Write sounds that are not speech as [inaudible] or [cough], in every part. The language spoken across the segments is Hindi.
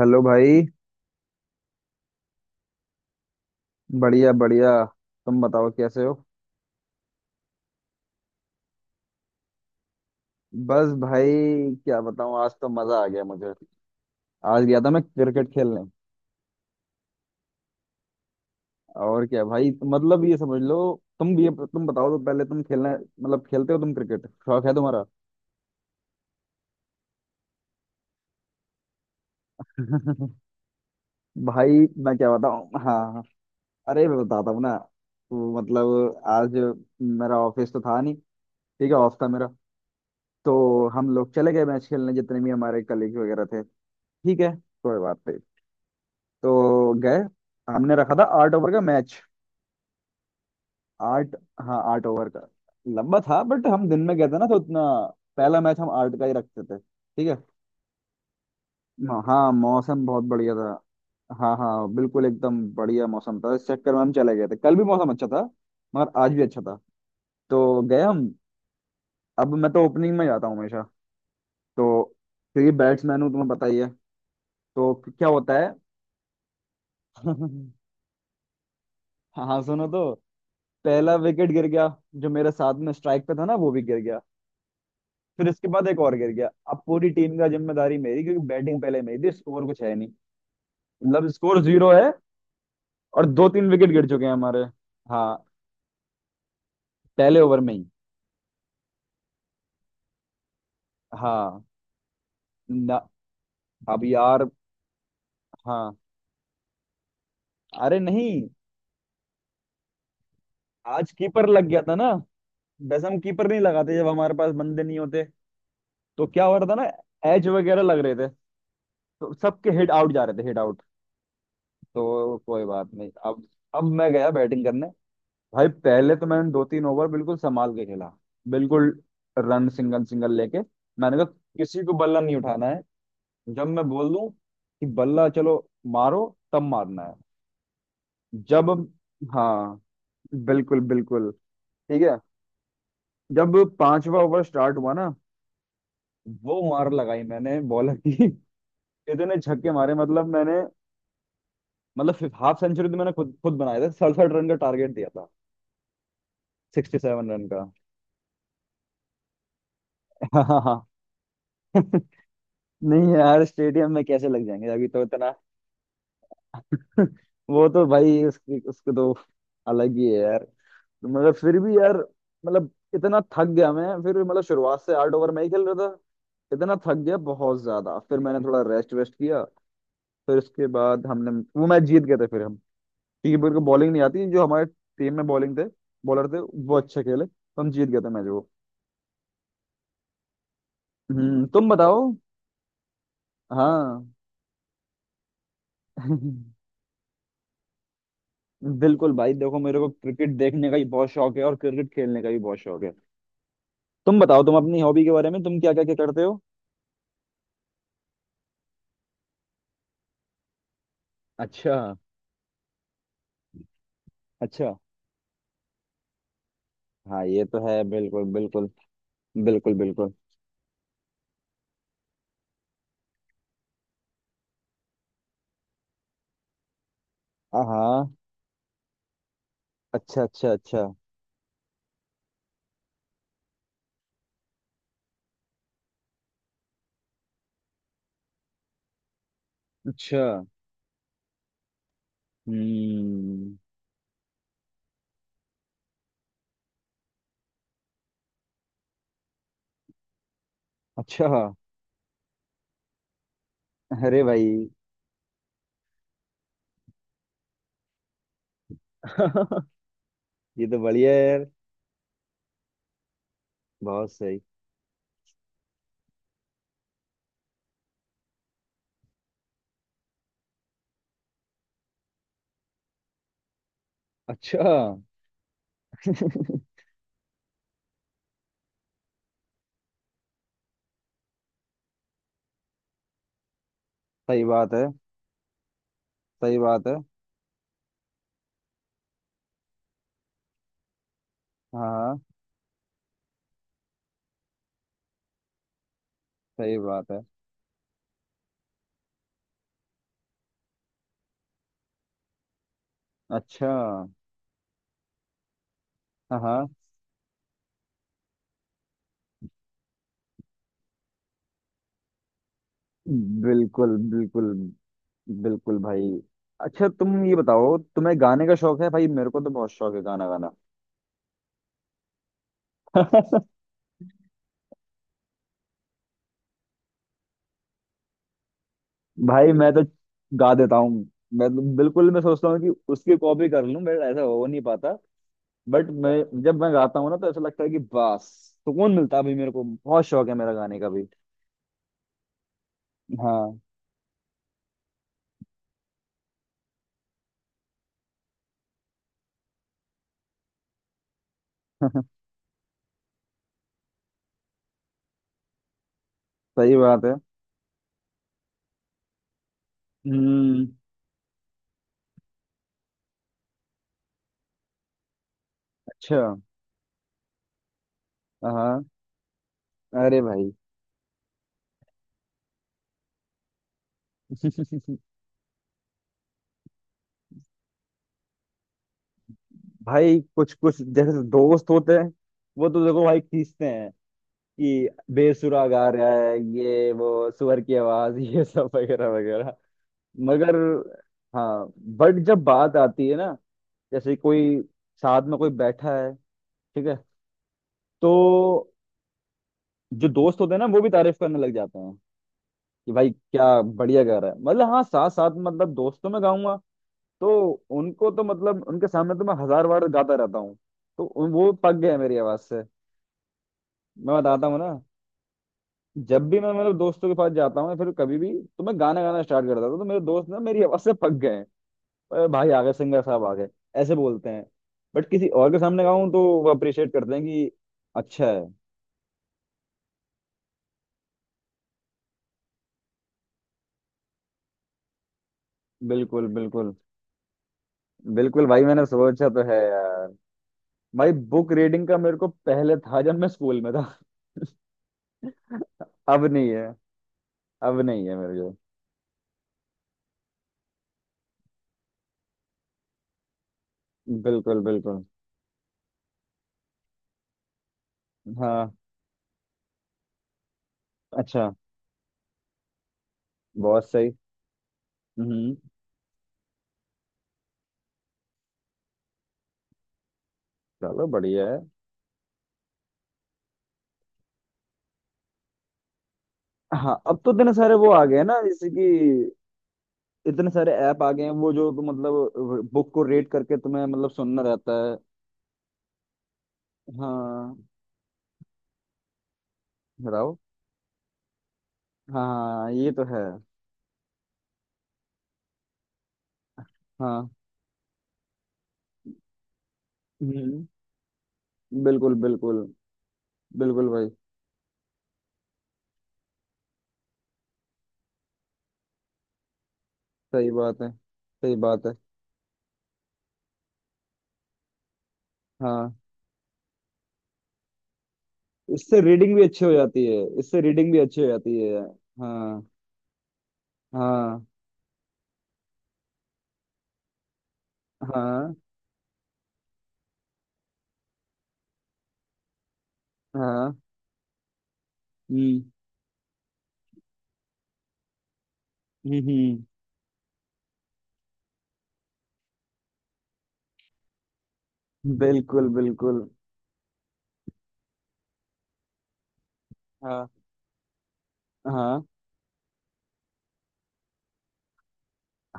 हेलो भाई। बढ़िया बढ़िया। तुम बताओ कैसे हो? बस भाई, क्या बताऊं, आज तो मजा आ गया मुझे। आज गया था मैं क्रिकेट खेलने। और क्या भाई, मतलब ये समझ लो। तुम बताओ तो पहले, तुम खेलना, मतलब खेलते हो तुम क्रिकेट? शौक है तुम्हारा? [laughs] भाई मैं क्या बताऊं। हाँ हाँ। अरे मैं बताता हूँ ना, तो मतलब आज मेरा ऑफिस तो था नहीं। ठीक है, ऑफ था मेरा। तो हम लोग चले गए मैच खेलने, जितने भी हमारे कलीग वगैरह थे। ठीक है, कोई बात नहीं। तो गए, हमने रखा था 8 ओवर का मैच। आठ। हाँ 8 ओवर का। लंबा था बट हम दिन में गए थे ना तो उतना। पहला मैच हम 8 का ही रखते थे। ठीक है। हाँ मौसम बहुत बढ़िया था। हाँ हाँ, बिल्कुल एकदम बढ़िया मौसम था, इस चक्कर में हम चले गए थे। कल भी मौसम अच्छा था, मगर आज भी अच्छा था। तो गए हम। अब मैं तो ओपनिंग में जाता हूँ हमेशा। तो क्योंकि बैट्समैन हूँ, तुम्हें पता ही है। तो क्या होता है। [laughs] हाँ सुनो तो, पहला विकेट गिर गया, जो मेरे साथ में स्ट्राइक पे था ना वो भी गिर गया। फिर इसके बाद एक और गिर गया। अब पूरी टीम का जिम्मेदारी मेरी, क्योंकि बैटिंग पहले मेरी थी, स्कोर कुछ है नहीं। मतलब स्कोर 0 है, और 2 3 विकेट गिर चुके हैं हमारे। हाँ। पहले ओवर में ही। हाँ। ना, अब यार। हाँ। अरे नहीं, आज कीपर लग गया था ना। वैसे हम कीपर नहीं लगाते जब हमारे पास बंदे नहीं होते। तो क्या हो रहा था ना, एज वगैरह लग रहे थे। तो सबके हिट आउट जा रहे थे, हिट आउट। तो कोई बात नहीं अब। अब मैं गया बैटिंग करने। भाई पहले तो मैंने 2 3 ओवर बिल्कुल संभाल के खेला, बिल्कुल। रन सिंगल सिंगल लेके। मैंने कहा, किसी को बल्ला नहीं उठाना है, जब मैं बोल दूं कि बल्ला चलो, मारो, तब मारना है। जब, हाँ, बिल्कुल बिल्कुल, ठीक है। जब 5वां ओवर स्टार्ट हुआ ना, वो मार लगाई मैंने बॉलर की। [laughs] इतने छक्के मारे मतलब मैंने, मतलब हाफ सेंचुरी तो मैंने खुद खुद बनाया था। 67 रन का टारगेट दिया था, 67 रन का। [laughs] नहीं यार, स्टेडियम में कैसे लग जाएंगे, अभी तो इतना। वो तो भाई उसकी, उसको तो अलग ही है यार। तो मगर फिर भी यार, मतलब इतना थक गया मैं, फिर मतलब शुरुआत से 8 ओवर मैं ही खेल रहा था। इतना थक गया बहुत ज्यादा, फिर मैंने थोड़ा रेस्ट वेस्ट किया। फिर उसके बाद हमने वो मैच जीत गए थे फिर हम। क्योंकि मेरे को बॉलिंग नहीं आती, जो हमारे टीम में बॉलिंग थे, बॉलर थे, वो अच्छे खेले, तो हम जीत गए थे मैच वो। हम्म, तुम बताओ। हाँ। [laughs] बिल्कुल भाई, देखो मेरे को क्रिकेट देखने का भी बहुत शौक है, और क्रिकेट खेलने का भी बहुत शौक है। तुम बताओ, तुम अपनी हॉबी के बारे में, तुम क्या क्या क्या करते हो। अच्छा। अच्छा। हाँ ये तो है, बिल्कुल बिल्कुल। बिल्कुल बिल्कुल। हाँ हाँ। अच्छा अच्छा अच्छा। अच्छा। हम्म। अच्छा। अरे भाई। [laughs] ये तो बढ़िया है यार। बहुत सही। अच्छा। [laughs] सही बात है, सही बात है। हाँ हाँ। सही बात है। अच्छा। हाँ हाँ, बिल्कुल बिल्कुल। बिल्कुल भाई। अच्छा तुम ये बताओ, तुम्हें गाने का शौक है? भाई मेरे को तो बहुत शौक है गाना गाना। भाई मैं तो गा देता हूँ। मैं तो बिल्कुल, मैं सोचता हूँ कि उसकी कॉपी कर लूँ, मेरा ऐसा हो नहीं पाता। बट मैं जब मैं गाता हूँ ना, तो ऐसा लगता है कि बस सुकून मिलता है। अभी मेरे को बहुत शौक है मेरा गाने का भी। हाँ। [laughs] सही बात है। हम्म। अच्छा। हाँ। अरे भाई। [laughs] भाई कुछ कुछ, जैसे दोस्त होते हैं, वो तो देखो भाई खींचते हैं, कि बेसुरा गा रहा है ये, वो सुअर की आवाज, [laughs] ये सब वगैरह वगैरह। मगर। हाँ। बट जब बात आती है ना, जैसे कोई साथ में कोई बैठा है, ठीक है, तो जो दोस्त होते हैं ना वो भी तारीफ करने लग जाते हैं, कि भाई क्या बढ़िया गा रहा है। मतलब हाँ, साथ साथ, मतलब दोस्तों में गाऊंगा। तो उनको तो, मतलब उनके सामने तो मैं हजार बार गाता रहता हूँ। तो वो पक गए हैं मेरी आवाज से। मैं बताता हूँ ना, जब भी मैं मतलब दोस्तों के पास जाता हूँ या फिर कभी भी, तो मैं गाना गाना स्टार्ट कर देता हूँ, तो मेरे दोस्त ना मेरी आवाज से पक गए। अरे भाई आ गए सिंगर साहब, आ गए, ऐसे बोलते हैं। बट किसी और के सामने गाऊं तो वो अप्रिशिएट करते हैं, कि अच्छा है। बिल्कुल बिल्कुल। बिल्कुल भाई, मैंने सोचा तो है यार। भाई बुक रीडिंग का मेरे को पहले था, जब मैं स्कूल में था। [laughs] अब नहीं है। अब नहीं है मेरे को। बिल्कुल बिल्कुल। हाँ। अच्छा। बहुत सही। हम्म। चलो बढ़िया है। हाँ अब तो इतने सारे वो आ गए हैं ना, जैसे कि इतने सारे ऐप आ गए हैं वो, जो तुम मतलब बुक को रेट करके तुम्हें मतलब सुनना रहता है। हाँ। बताओ। हाँ हाँ, ये तो है। हाँ। हम्म। बिल्कुल बिल्कुल। बिल्कुल भाई। सही बात है, सही बात है। हाँ। इससे रीडिंग भी अच्छी हो जाती है, इससे रीडिंग भी अच्छी हो जाती है। हाँ। हाँ। हाँ। हाँ। हम्म। हम्म। बिल्कुल बिल्कुल। हाँ। हाँ।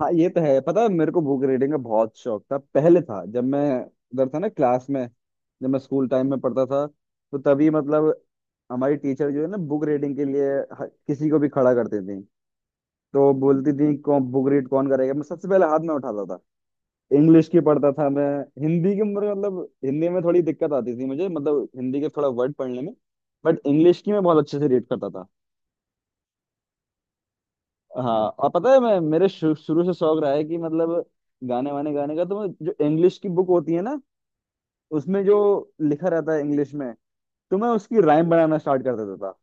हाँ ये तो है, पता है मेरे को बुक रीडिंग का बहुत शौक था पहले, था जब मैं उधर था ना, क्लास में, जब मैं स्कूल टाइम में पढ़ता था। तो तभी मतलब हमारी टीचर जो है ना बुक रीडिंग के लिए, किसी को भी खड़ा करती थी। तो बोलती थी कौन बुक रीड कौन करेगा, मैं सबसे पहले हाथ में उठाता था। इंग्लिश की पढ़ता था मैं। हिंदी की मेरे मतलब, हिंदी में थोड़ी दिक्कत आती थी मुझे, मतलब हिंदी के थोड़ा वर्ड पढ़ने में। बट इंग्लिश की मैं बहुत अच्छे से रीड करता था। हाँ और पता है मैं, मेरे शुरू से शौक रहा है, कि मतलब गाने वाने गाने का। तो मैं जो इंग्लिश की बुक होती है ना, उसमें जो लिखा रहता है इंग्लिश में, तो मैं उसकी राइम बनाना स्टार्ट कर देता था।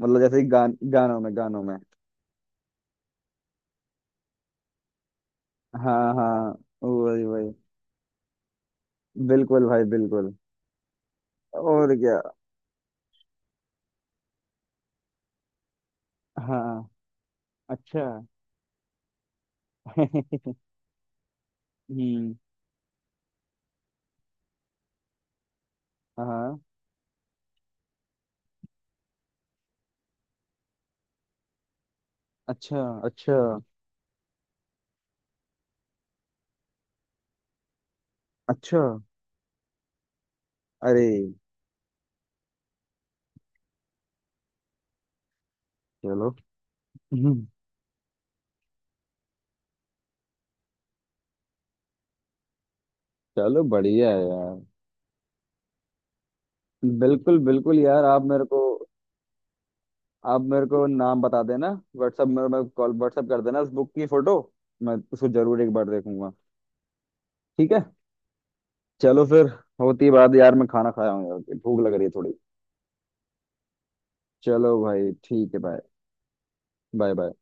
मतलब जैसे गानों में, गानों में। हाँ हाँ, वही वही, बिल्कुल भाई बिल्कुल। और क्या। हाँ। अच्छा। [laughs] हम्म। हाँ। अच्छा अच्छा अच्छा। अरे, चलो। हम्म। चलो बढ़िया है यार। बिल्कुल बिल्कुल यार। आप मेरे को, आप मेरे को नाम बता देना। व्हाट्सएप मेरे में, मैं कॉल, व्हाट्सएप कर देना उस बुक की फोटो, मैं उसको जरूर एक बार देखूंगा। ठीक है। चलो फिर। होती बात यार, मैं खाना खाया हूँ यार, भूख लग रही है थोड़ी। चलो भाई ठीक है, बाय। Bye bye.